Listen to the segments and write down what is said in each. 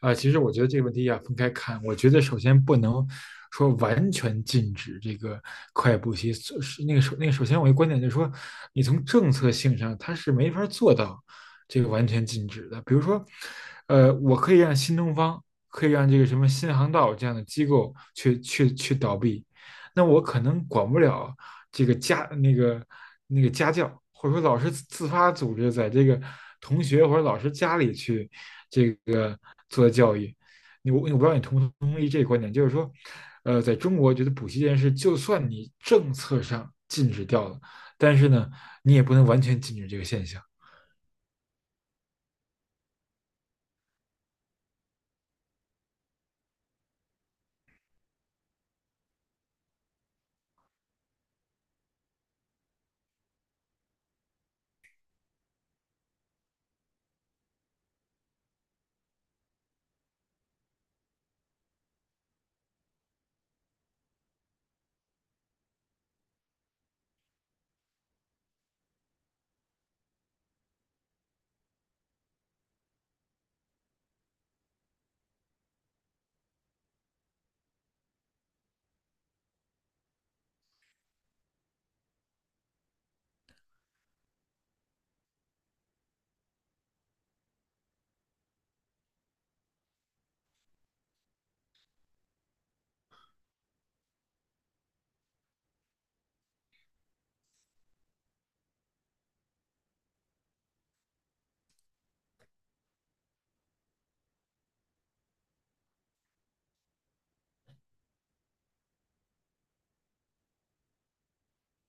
啊、其实我觉得这个问题要分开看。我觉得首先不能说完全禁止这个快步习，是那个首那个首先我一观点就是说，你从政策性上它是没法做到这个完全禁止的。比如说，我可以让新东方，可以让这个什么新航道这样的机构去倒闭，那我可能管不了这个家那个那个家教，或者说老师自发组织在这个同学或者老师家里去这个做的教育。你我不知道你同不同意这个观点，就是说，在中国觉得补习这件事，就算你政策上禁止掉了，但是呢，你也不能完全禁止这个现象。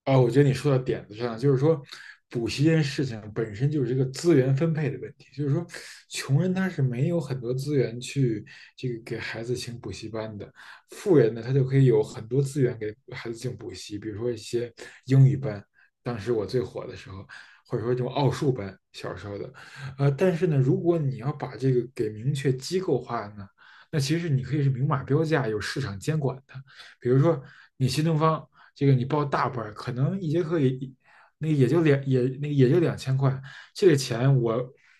啊，我觉得你说到点子上了，就是说，补习这件事情本身就是一个资源分配的问题，就是说，穷人他是没有很多资源去这个给孩子请补习班的，富人呢，他就可以有很多资源给孩子进补习，比如说一些英语班，当时我最火的时候，或者说这种奥数班，小时候的，但是呢，如果你要把这个给明确机构化呢，那其实你可以是明码标价，有市场监管的，比如说你新东方。这个你报大班儿可能一节课也那个也就两也那个也就2000块，这个钱我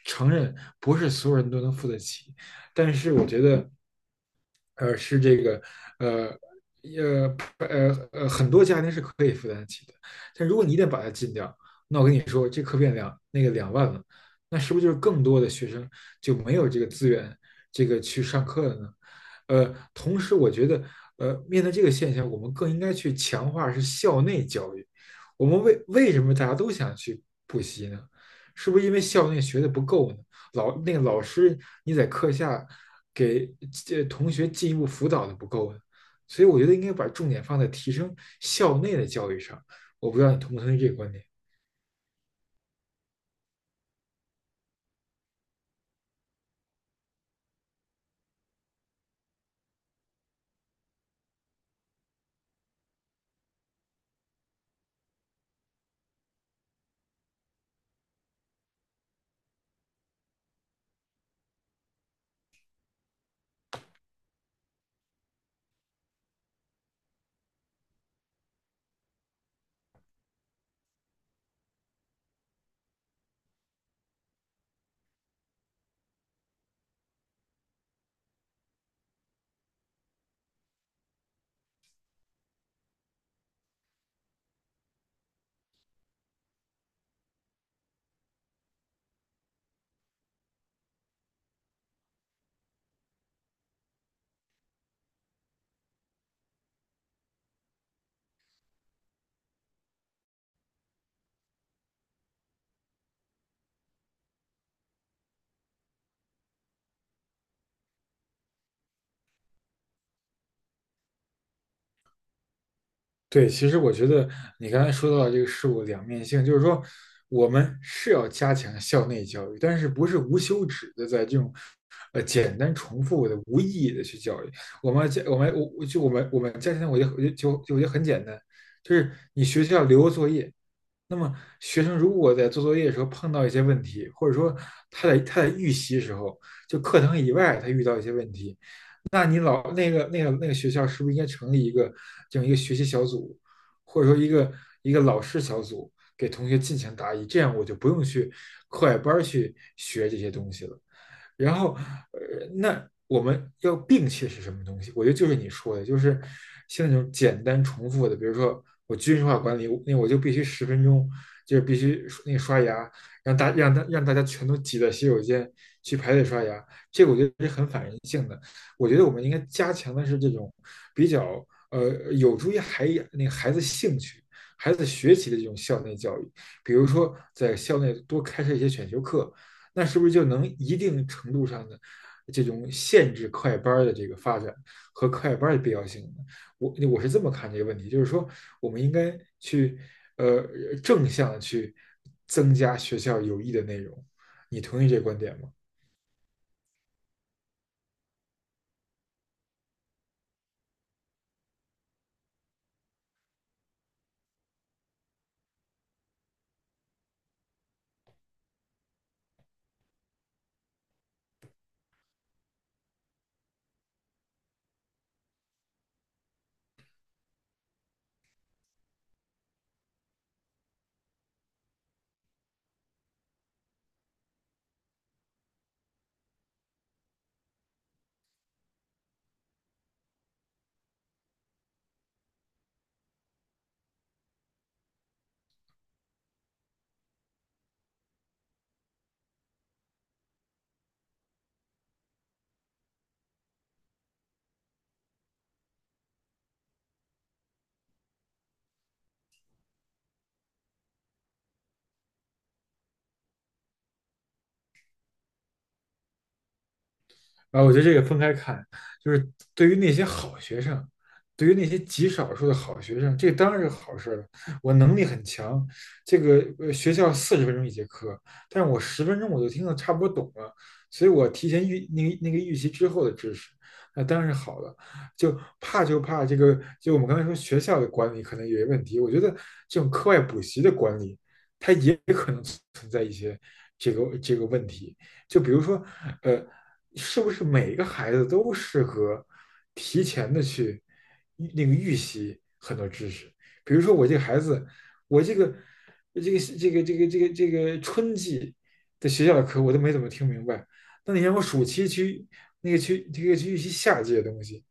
承认不是所有人都能付得起，但是我觉得，呃，是这个呃。呃很多家庭是可以负担得起的，但如果你一旦把它禁掉，那我跟你说，这课变2万了，那是不是就是更多的学生就没有这个资源，这个去上课了呢？同时我觉得面对这个现象，我们更应该去强化是校内教育。我们为什么大家都想去补习呢？是不是因为校内学的不够呢？老那个老师你在课下给这同学进一步辅导的不够呢？所以我觉得应该把重点放在提升校内的教育上。我不知道你同不同意这个观点。对，其实我觉得你刚才说到的这个事物的两面性，就是说我们是要加强校内教育，但是不是无休止的在这种简单重复的无意义的去教育。我们家我们我我就我们我们家庭我就我就就就我觉得很简单，就是你学校留个作业，那么学生如果在做作业的时候碰到一些问题，或者说他在预习的时候，就课堂以外他遇到一些问题，那你老那个那个那个学校是不是应该成立一个这样一个学习小组，或者说一个一个老师小组，给同学进行答疑，这样我就不用去课外班去学这些东西了。然后，那我们要摒弃的是什么东西？我觉得就是你说的，就是像那种简单重复的，比如说我军事化管理，那我就必须十分钟，就是必须那个刷牙，让大家全都挤到洗手间去排队刷牙，这个我觉得是很反人性的。我觉得我们应该加强的是这种比较有助于孩那个孩子兴趣。孩子学习的这种校内教育，比如说在校内多开设一些选修课，那是不是就能一定程度上的这种限制快班的这个发展和快班的必要性呢？我是这么看这个问题，就是说我们应该去呃正向去增加学校有益的内容，你同意这观点吗？啊，我觉得这个分开看，就是对于那些好学生，对于那些极少数的好学生，这当然是好事了。我能力很强，这个学校40分钟一节课，但是我十分钟我就听得差不多懂了，所以我提前预那个那个预习之后的知识，那当然是好的。就怕就怕这个，就我们刚才说学校的管理可能有些问题，我觉得这种课外补习的管理，它也可能存在一些这个问题。就比如说，呃，是不是每个孩子都适合提前的去预那个预习很多知识？比如说我这个孩子，我这个春季的学校的课我都没怎么听明白，那你让我暑期去那个去这个去预习夏季的东西，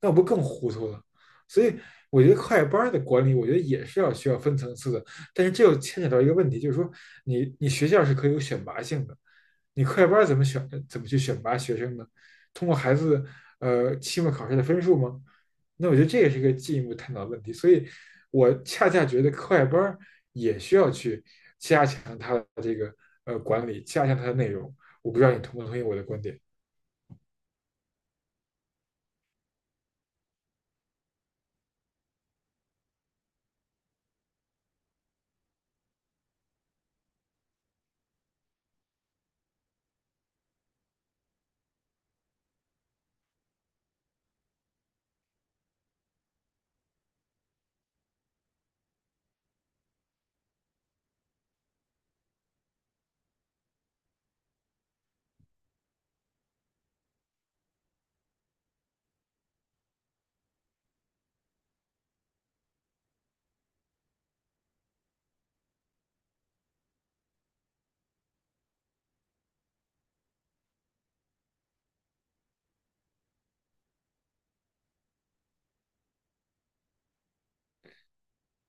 那我不更糊涂了？所以我觉得快班的管理，我觉得也是要需要分层次的。但是这又牵扯到一个问题，就是说你学校是可以有选拔性的，你课外班怎么选？怎么去选拔学生呢？通过孩子期末考试的分数吗？那我觉得这也是一个进一步探讨的问题。所以，我恰恰觉得课外班也需要去加强它的这个管理，加强它的内容。我不知道你同不同意我的观点。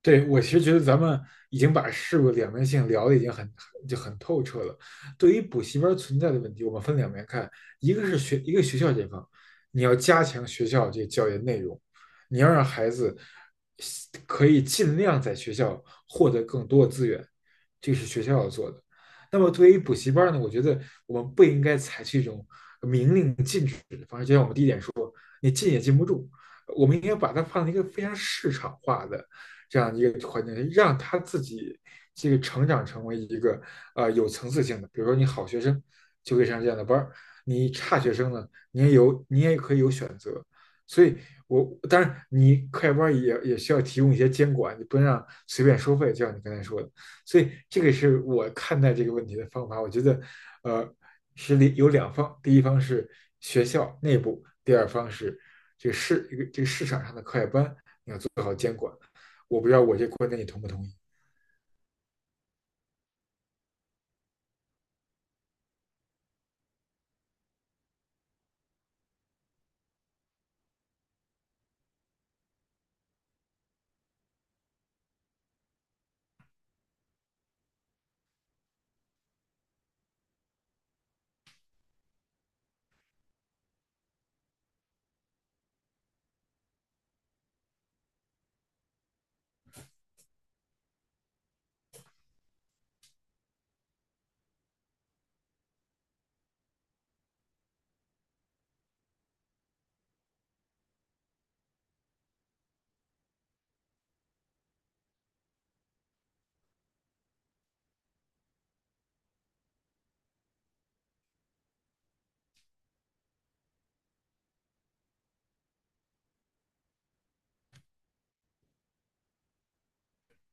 对，我其实觉得咱们已经把事物两面性聊的已经很透彻了。对于补习班存在的问题，我们分两面看，一个是学一个学校这方，你要加强学校这个教研内容，你要让孩子可以尽量在学校获得更多的资源，这是学校要做的。那么对于补习班呢，我觉得我们不应该采取一种明令禁止的方式，就像我们第一点你进也进不住。我们应该把它放在一个非常市场化的这样一个环境，让他自己这个成长成为一个有层次性的。比如说，你好学生就可以上这样的班你差学生呢，你也可以有选择。所以我，当然你快班也需要提供一些监管，你不能让随便收费，就像你刚才说的。所以这个是我看待这个问题的方法。我觉得，呃，是里有两方，第一方是学校内部，第二方是这个市场上的课外班。我不知道我这观点你同不同意？